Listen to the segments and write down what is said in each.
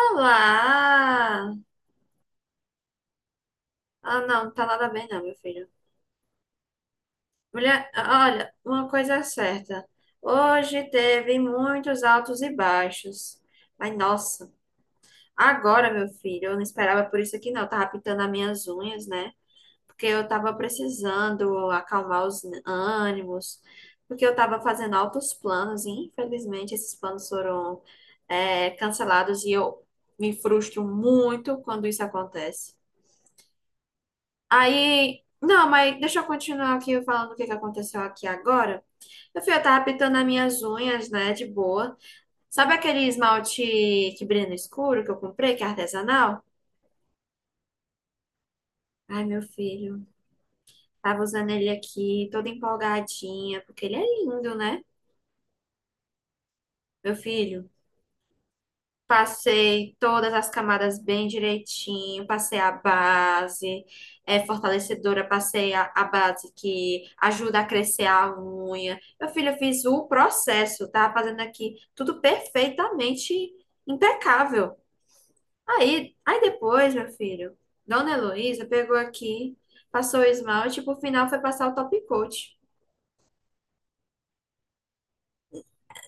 Olá! Ah, não, tá nada bem não, meu filho. Mulher, olha, uma coisa é certa. Hoje teve muitos altos e baixos. Mas, nossa, agora, meu filho, eu não esperava por isso aqui não. Eu tava pintando as minhas unhas, né? Porque eu tava precisando acalmar os ânimos. Porque eu tava fazendo altos planos e, infelizmente, esses planos foram, cancelados e eu me frustro muito quando isso acontece. Aí, não, mas deixa eu continuar aqui falando o que que aconteceu aqui agora. Eu tava pintando as minhas unhas, né, de boa. Sabe aquele esmalte que brilha no escuro que eu comprei, que é artesanal? Ai, meu filho, tava usando ele aqui, toda empolgadinha, porque ele é lindo, né? Meu filho. Passei todas as camadas bem direitinho, passei a base é fortalecedora, passei a base que ajuda a crescer a unha. Meu filho, eu fiz o processo, tá fazendo aqui tudo perfeitamente impecável. Aí depois, meu filho, Dona Heloísa pegou aqui, passou o esmalte, e por final foi passar o top coat.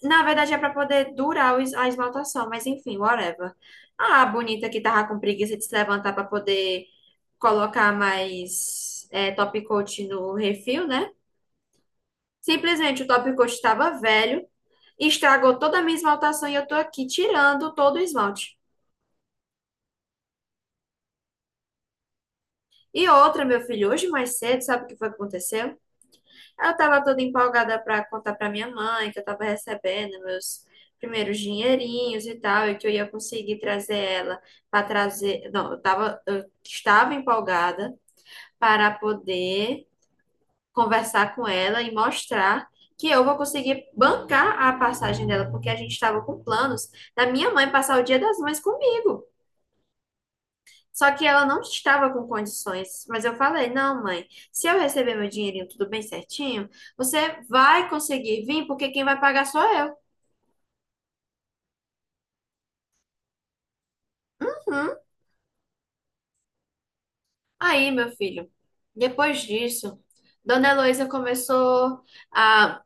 Na verdade, é para poder durar o a esmaltação, mas enfim, whatever. Ah, a bonita que tava com preguiça de se levantar para poder colocar mais top coat no refil, né? Simplesmente o top coat estava velho, estragou toda a minha esmaltação e eu tô aqui tirando todo o esmalte. E outra, meu filho, hoje mais cedo, sabe o que foi que aconteceu? Eu estava toda empolgada para contar para minha mãe que eu estava recebendo meus primeiros dinheirinhos e tal, e que eu ia conseguir trazer ela para trazer. Não, eu estava empolgada para poder conversar com ela e mostrar que eu vou conseguir bancar a passagem dela, porque a gente estava com planos da minha mãe passar o Dia das Mães comigo. Só que ela não estava com condições, mas eu falei: não, mãe, se eu receber meu dinheirinho tudo bem certinho, você vai conseguir vir, porque quem vai pagar sou eu. Uhum. Aí, meu filho, depois disso, Dona Heloísa começou a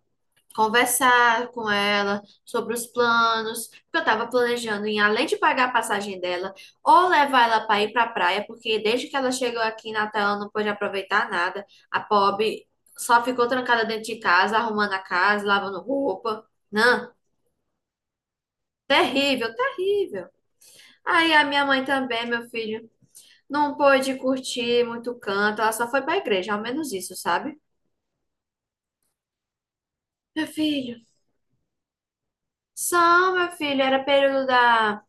conversar com ela sobre os planos, porque eu estava planejando em, além de pagar a passagem dela, ou levar ela para ir para a praia, porque desde que ela chegou aqui em Natal, ela não pôde aproveitar nada. A pobre só ficou trancada dentro de casa, arrumando a casa, lavando roupa. Não, terrível, terrível. Aí a minha mãe também, meu filho, não pôde curtir muito canto, ela só foi para a igreja, ao menos isso, sabe? Meu filho, só, meu filho, era período da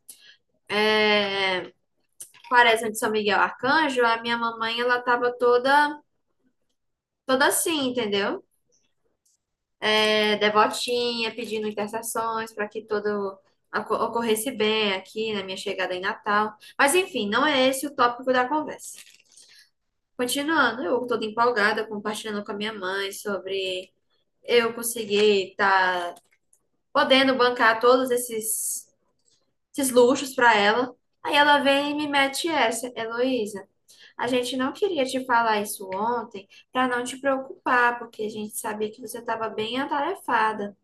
Quaresma de São Miguel Arcanjo, a minha mamãe, ela tava toda, toda assim, entendeu? É, devotinha, pedindo intercessões para que tudo ocorresse bem aqui na minha chegada em Natal. Mas enfim, não é esse o tópico da conversa. Continuando, eu toda empolgada, compartilhando com a minha mãe sobre eu conseguir estar podendo bancar esses luxos para ela. Aí ela vem e me mete essa, Heloísa. A gente não queria te falar isso ontem para não te preocupar, porque a gente sabia que você estava bem atarefada.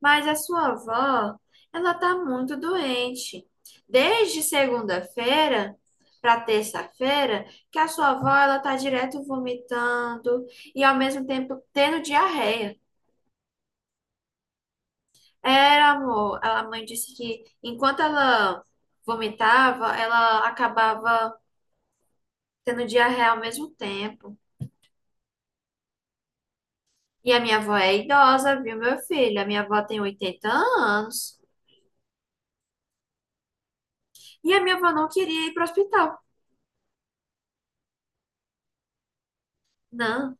Mas a sua avó, ela está muito doente. Desde segunda-feira para terça-feira, que a sua avó ela está direto vomitando e ao mesmo tempo tendo diarreia. Era, amor, a mãe disse que enquanto ela vomitava, ela acabava tendo diarreia ao mesmo tempo. E a minha avó é idosa, viu, meu filho? A minha avó tem 80 anos. E a minha avó não queria ir para o hospital. Não.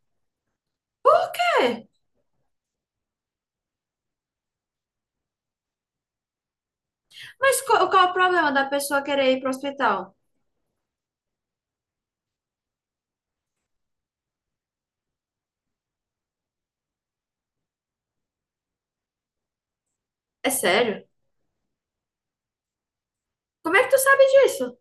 Por quê? Mas qual é o problema da pessoa querer ir para o hospital? É sério? Como é que tu sabe disso?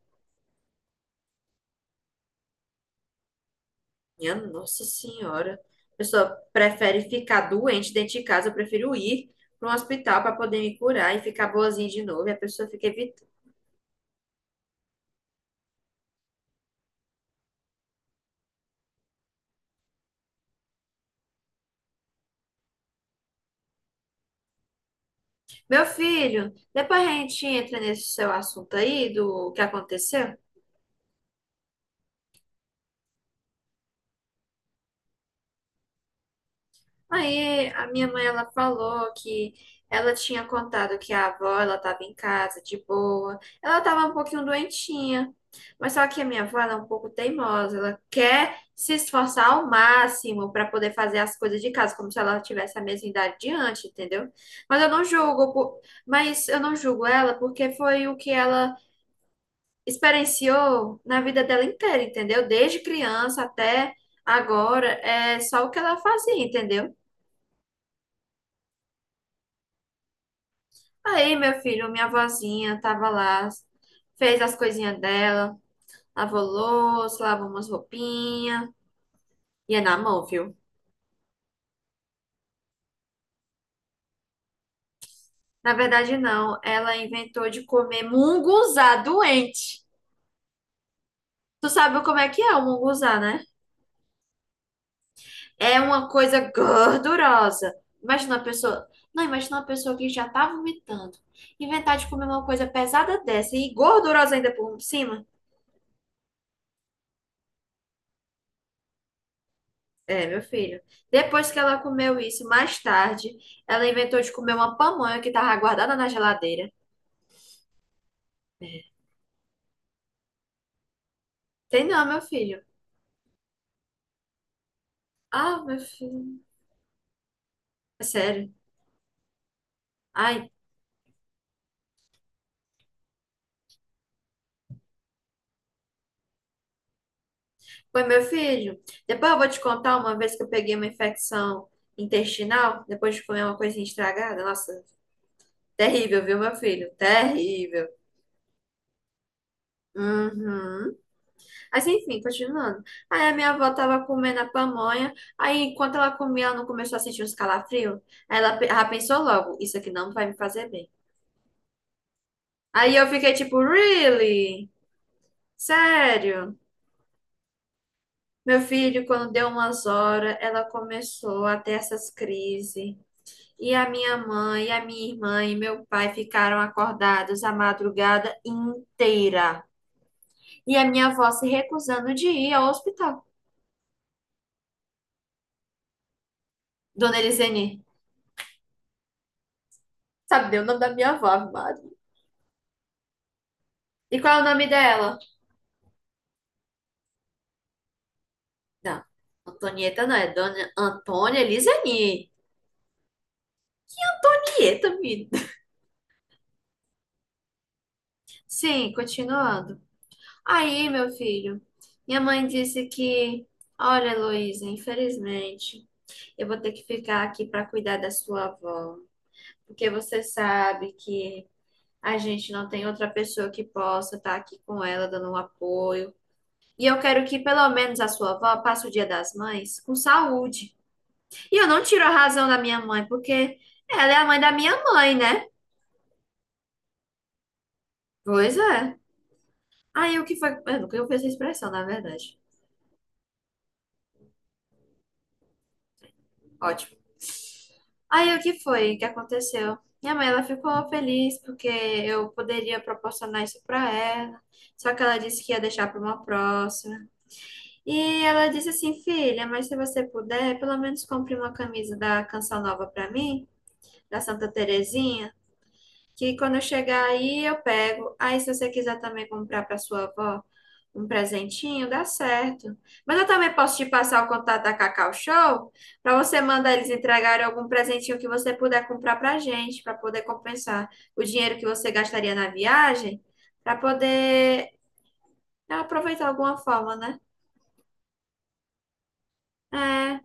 Minha Nossa Senhora. A pessoa prefere ficar doente dentro de casa. Eu prefiro ir para um hospital para poder me curar e ficar boazinha de novo. E a pessoa fica evitando. Meu filho, depois a gente entra nesse seu assunto aí do que aconteceu. Aí a minha mãe ela falou que ela tinha contado que a avó ela estava em casa de boa. Ela estava um pouquinho doentinha. Mas só que a minha avó ela é um pouco teimosa, ela quer se esforçar ao máximo para poder fazer as coisas de casa, como se ela tivesse a mesma idade de antes, entendeu? Mas eu não julgo, por- mas eu não julgo ela porque foi o que ela experienciou na vida dela inteira, entendeu? Desde criança até agora, é só o que ela fazia, entendeu? Aí, meu filho, minha vozinha tava lá, fez as coisinhas dela, lavou louça, lavou umas roupinhas, ia na mão, viu? Na verdade, não, ela inventou de comer munguzá doente. Tu sabe como é que é o munguzá, né? É uma coisa gordurosa. Imagina uma pessoa, não, imagina uma pessoa que já tá vomitando, inventar de comer uma coisa pesada dessa e gordurosa ainda por cima. É, meu filho. Depois que ela comeu isso, mais tarde, ela inventou de comer uma pamonha que tava guardada na geladeira. Tem não, meu filho. Ah, meu filho. É sério. Ai, foi meu filho. Depois eu vou te contar uma vez que eu peguei uma infecção intestinal, depois de comer uma coisinha estragada. Nossa, terrível, viu, meu filho? Terrível. Uhum. Mas enfim, continuando. Aí a minha avó tava comendo a pamonha, aí enquanto ela comia, ela não começou a sentir uns calafrios. Ela pensou logo, isso aqui não vai me fazer bem. Aí eu fiquei tipo, really? Sério? Meu filho, quando deu umas horas, ela começou a ter essas crises. E a minha mãe, a minha irmã e meu pai ficaram acordados a madrugada inteira. E a minha avó se recusando de ir ao hospital. Dona Elisene, sabe o nome da minha avó, Ave E qual é o nome dela? Não, Antonieta não, é Dona Antônia Lizani. Antonieta, me... Sim, continuando. Aí, meu filho, minha mãe disse que, olha, Heloísa, infelizmente, eu vou ter que ficar aqui para cuidar da sua avó, porque você sabe que a gente não tem outra pessoa que possa estar aqui com ela dando um apoio. E eu quero que pelo menos a sua avó passe o Dia das Mães com saúde. E eu não tiro a razão da minha mãe, porque ela é a mãe da minha mãe, né? Pois é. Aí o que foi? Eu nunca ouvi essa expressão, na verdade. Ótimo. Aí o que foi que aconteceu? Minha mãe, ela ficou feliz porque eu poderia proporcionar isso para ela. Só que ela disse que ia deixar para uma próxima. E ela disse assim, filha, mas se você puder, pelo menos compre uma camisa da Canção Nova para mim, da Santa Terezinha. Que quando eu chegar aí eu pego. Aí, se você quiser também comprar para sua avó um presentinho, dá certo. Mas eu também posso te passar o contato da Cacau Show para você mandar eles entregarem algum presentinho que você puder comprar para gente, para poder compensar o dinheiro que você gastaria na viagem, para poder aproveitar de alguma forma, né? É.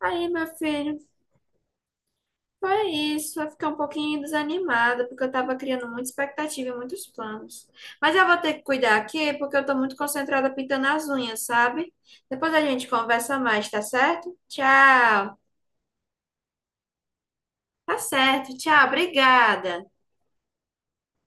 Aí, meu filho. Foi isso, eu fiquei um pouquinho desanimada, porque eu estava criando muita expectativa e muitos planos. Mas eu vou ter que cuidar aqui, porque eu estou muito concentrada pintando as unhas, sabe? Depois a gente conversa mais, tá certo? Tchau. Tá certo, tchau, obrigada.